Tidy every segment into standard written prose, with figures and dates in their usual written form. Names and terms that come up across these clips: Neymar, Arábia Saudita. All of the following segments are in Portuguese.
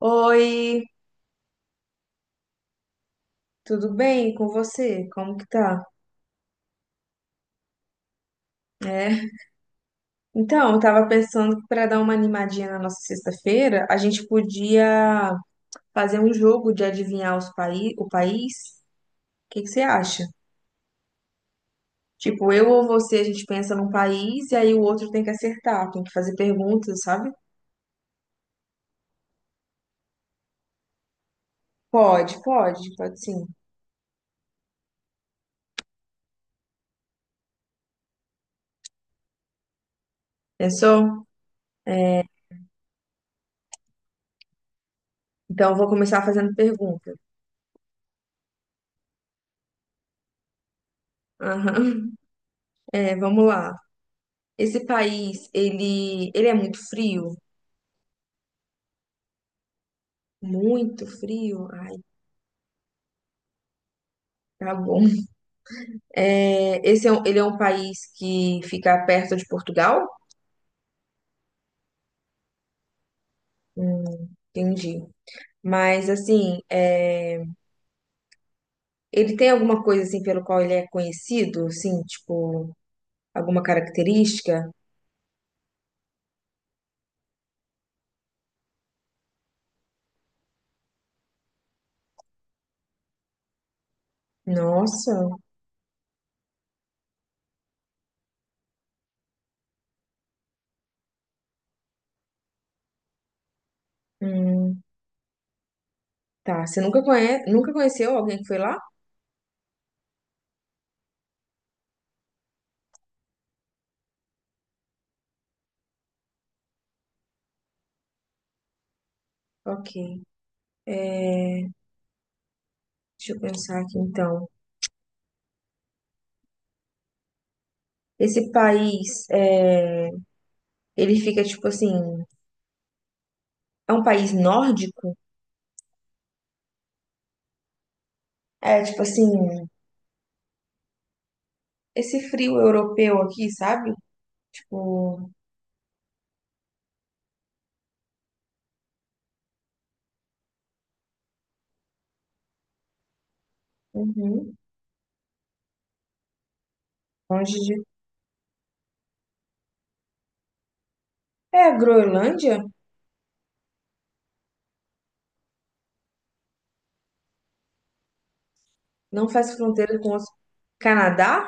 Oi, tudo bem com você? Como que tá? É. Então, eu tava pensando que para dar uma animadinha na nossa sexta-feira, a gente podia fazer um jogo de adivinhar os paí o país. O que que você acha? Tipo, eu ou você, a gente pensa num país e aí o outro tem que acertar, tem que fazer perguntas, sabe? Pode, pode, pode sim. Pensou? Então, eu vou começar fazendo pergunta. Aham. É, vamos lá. Esse país, ele é muito frio? Muito frio? Ai. Tá bom. É, ele é um país que fica perto de Portugal? Entendi. Mas assim, ele tem alguma coisa assim pelo qual ele é conhecido? Assim, tipo, alguma característica? Nossa. Hum, tá. Você nunca conheceu alguém que foi lá? Ok. É, deixa eu pensar aqui então. Esse país, ele fica tipo assim, é um país nórdico? É tipo assim, esse frio europeu aqui, sabe? Tipo, uhum, longe de. É, a Groenlândia não faz fronteira com os. Canadá?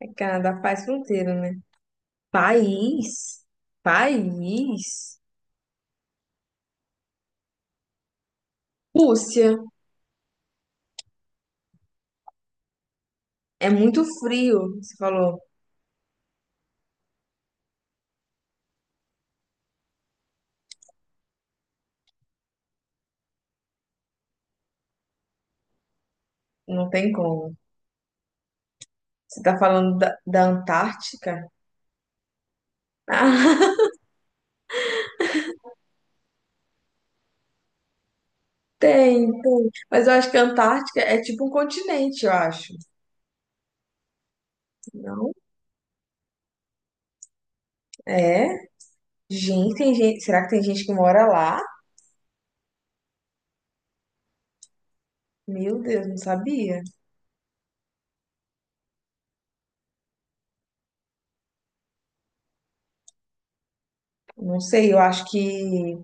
É, Canadá faz fronteira, né? País. País. Rússia. É muito frio, você falou. Não tem como. Você tá falando da Antártica? Ah, tem, tem. Mas eu acho que a Antártica é tipo um continente, eu acho. Não? É. Gente, tem gente. Será que tem gente que mora lá? Meu Deus, não sabia. Não sei, eu acho que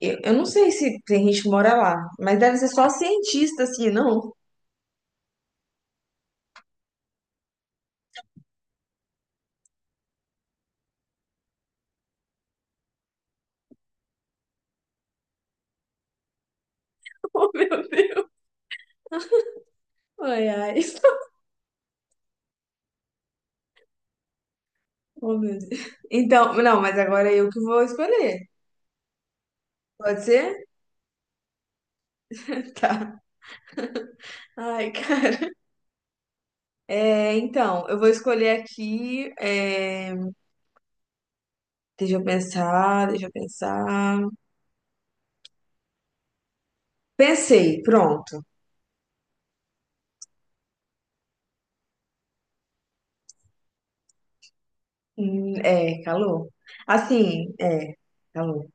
eu não sei se tem gente que mora lá, mas deve ser só cientista, assim, não? Oh, meu Deus. Ai, ai. Oh, meu Deus. Então, não, mas agora é eu que vou escolher. Pode ser? Tá. Ai, cara. É, então, eu vou escolher aqui. Deixa eu pensar, deixa eu pensar. Pensei, pronto. É, calor. Assim, é, calor.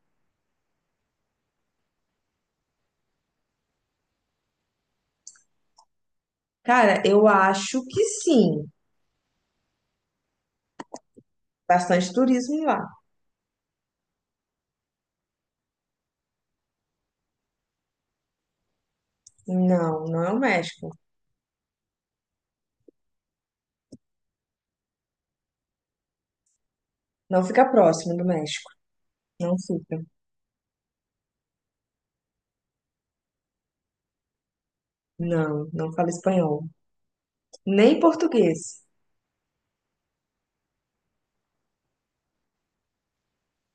Cara, eu acho que sim. Bastante turismo lá. Não, não é o México. Não fica próximo do México. Não fica. Não, não fala espanhol. Nem português.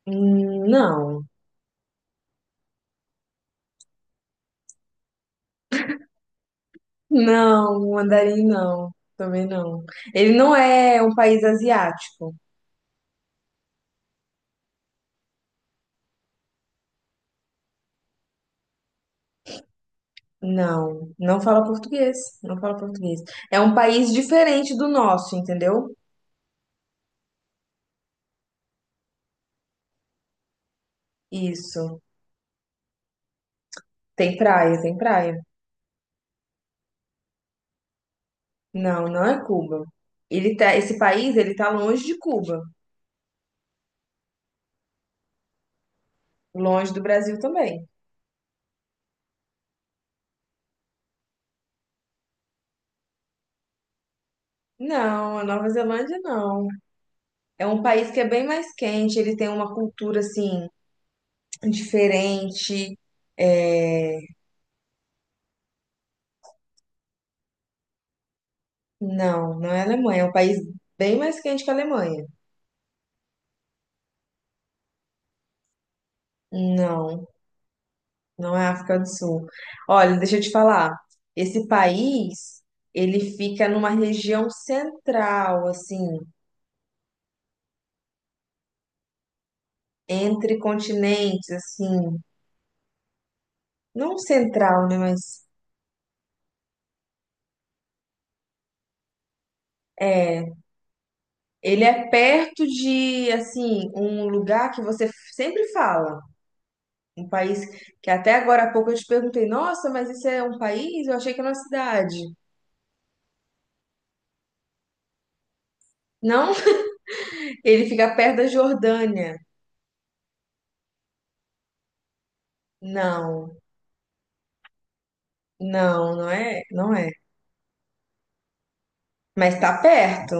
Não, não, mandarim não. Também não. Ele não é um país asiático. Não, não fala português. Não fala português. É um país diferente do nosso, entendeu? Isso. Tem praia, tem praia. Não, não é Cuba. Esse país, ele tá longe de Cuba, longe do Brasil também. Não, a Nova Zelândia não. É um país que é bem mais quente, ele tem uma cultura assim diferente. É, Não, não é Alemanha, é um país bem mais quente que a Alemanha. Não, não é África do Sul. Olha, deixa eu te falar. Esse país, ele fica numa região central, assim, entre continentes, assim, não central, né, mas é, ele é perto de, assim, um lugar que você sempre fala. Um país que até agora há pouco eu te perguntei, nossa, mas isso é um país? Eu achei que era uma cidade. Não, ele fica perto da Jordânia. Não, não, não é. Mas tá perto?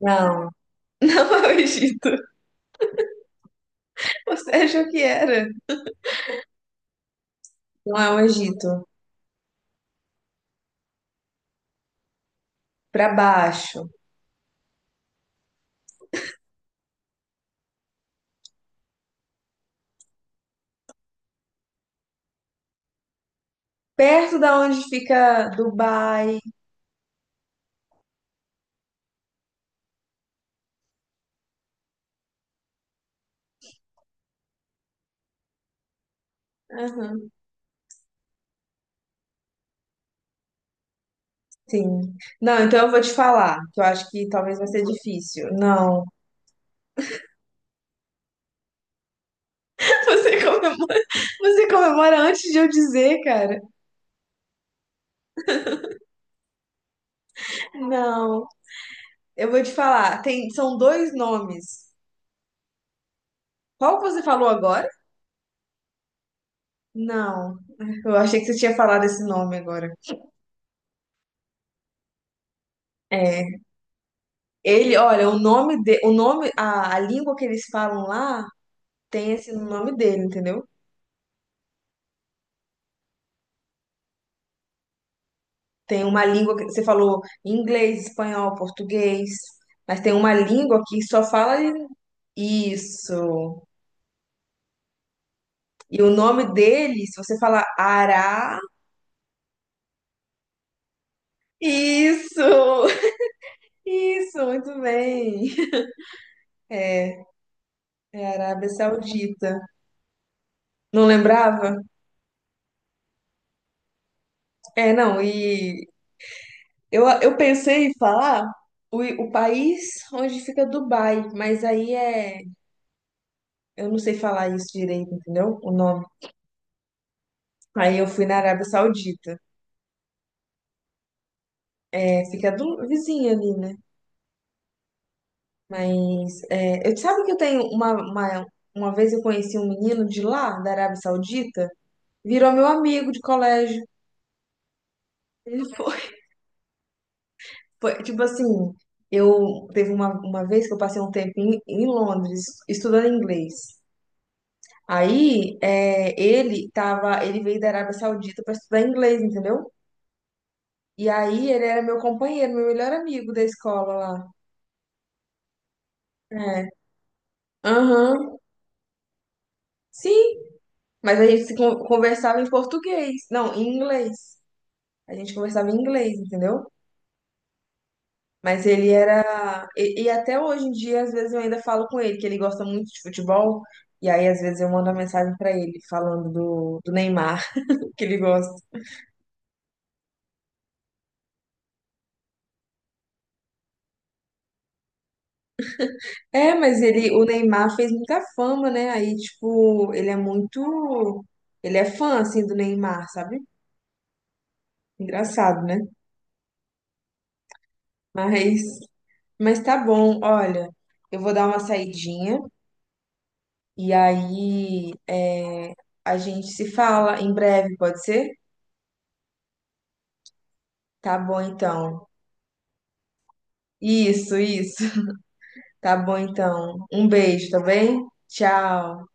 Não, não é o Egito. Você achou que era? Não é o Egito. Pra baixo. Perto da onde fica Dubai. Aham, sim. Não, então eu vou te falar, que eu acho que talvez vai ser difícil. Não. Você comemora, você comemora antes de eu dizer, cara. Não, eu vou te falar. Tem, são dois nomes. Qual que você falou agora? Não, eu achei que você tinha falado esse nome agora. É, ele, olha, o nome, a língua que eles falam lá tem esse nome dele, entendeu? Tem uma língua que você falou inglês, espanhol, português, mas tem uma língua que só fala isso. E o nome dele, se você falar Ará, isso, isso, muito bem. É, é Arábia Saudita. Não lembrava? É, não, e eu pensei em falar o país onde fica Dubai, mas aí é. Eu não sei falar isso direito, entendeu? O nome. Aí eu fui na Arábia Saudita. É, fica do, vizinho ali, né? Mas é, eu sabe que eu tenho uma vez eu conheci um menino de lá, da Arábia Saudita, virou meu amigo de colégio. Foi, tipo assim, uma vez que eu passei um tempo em Londres estudando inglês. Aí é, ele veio da Arábia Saudita para estudar inglês, entendeu? E aí ele era meu companheiro, meu melhor amigo da escola lá. É. Aham. Sim, mas a gente se con- conversava em português. Não, em inglês. A gente conversava em inglês, entendeu? Mas ele era. E até hoje em dia, às vezes eu ainda falo com ele, que ele gosta muito de futebol. E aí, às vezes, eu mando uma mensagem pra ele falando do Neymar, que ele gosta. É, mas ele, o Neymar fez muita fama, né? Aí, tipo, ele é muito. Ele é fã, assim, do Neymar, sabe? Engraçado, né? Mas, mas tá bom, olha, eu vou dar uma saidinha e aí é, a gente se fala em breve, pode ser? Tá bom, então. Isso, isso. Tá bom então. Um beijo, tá bem? Tchau.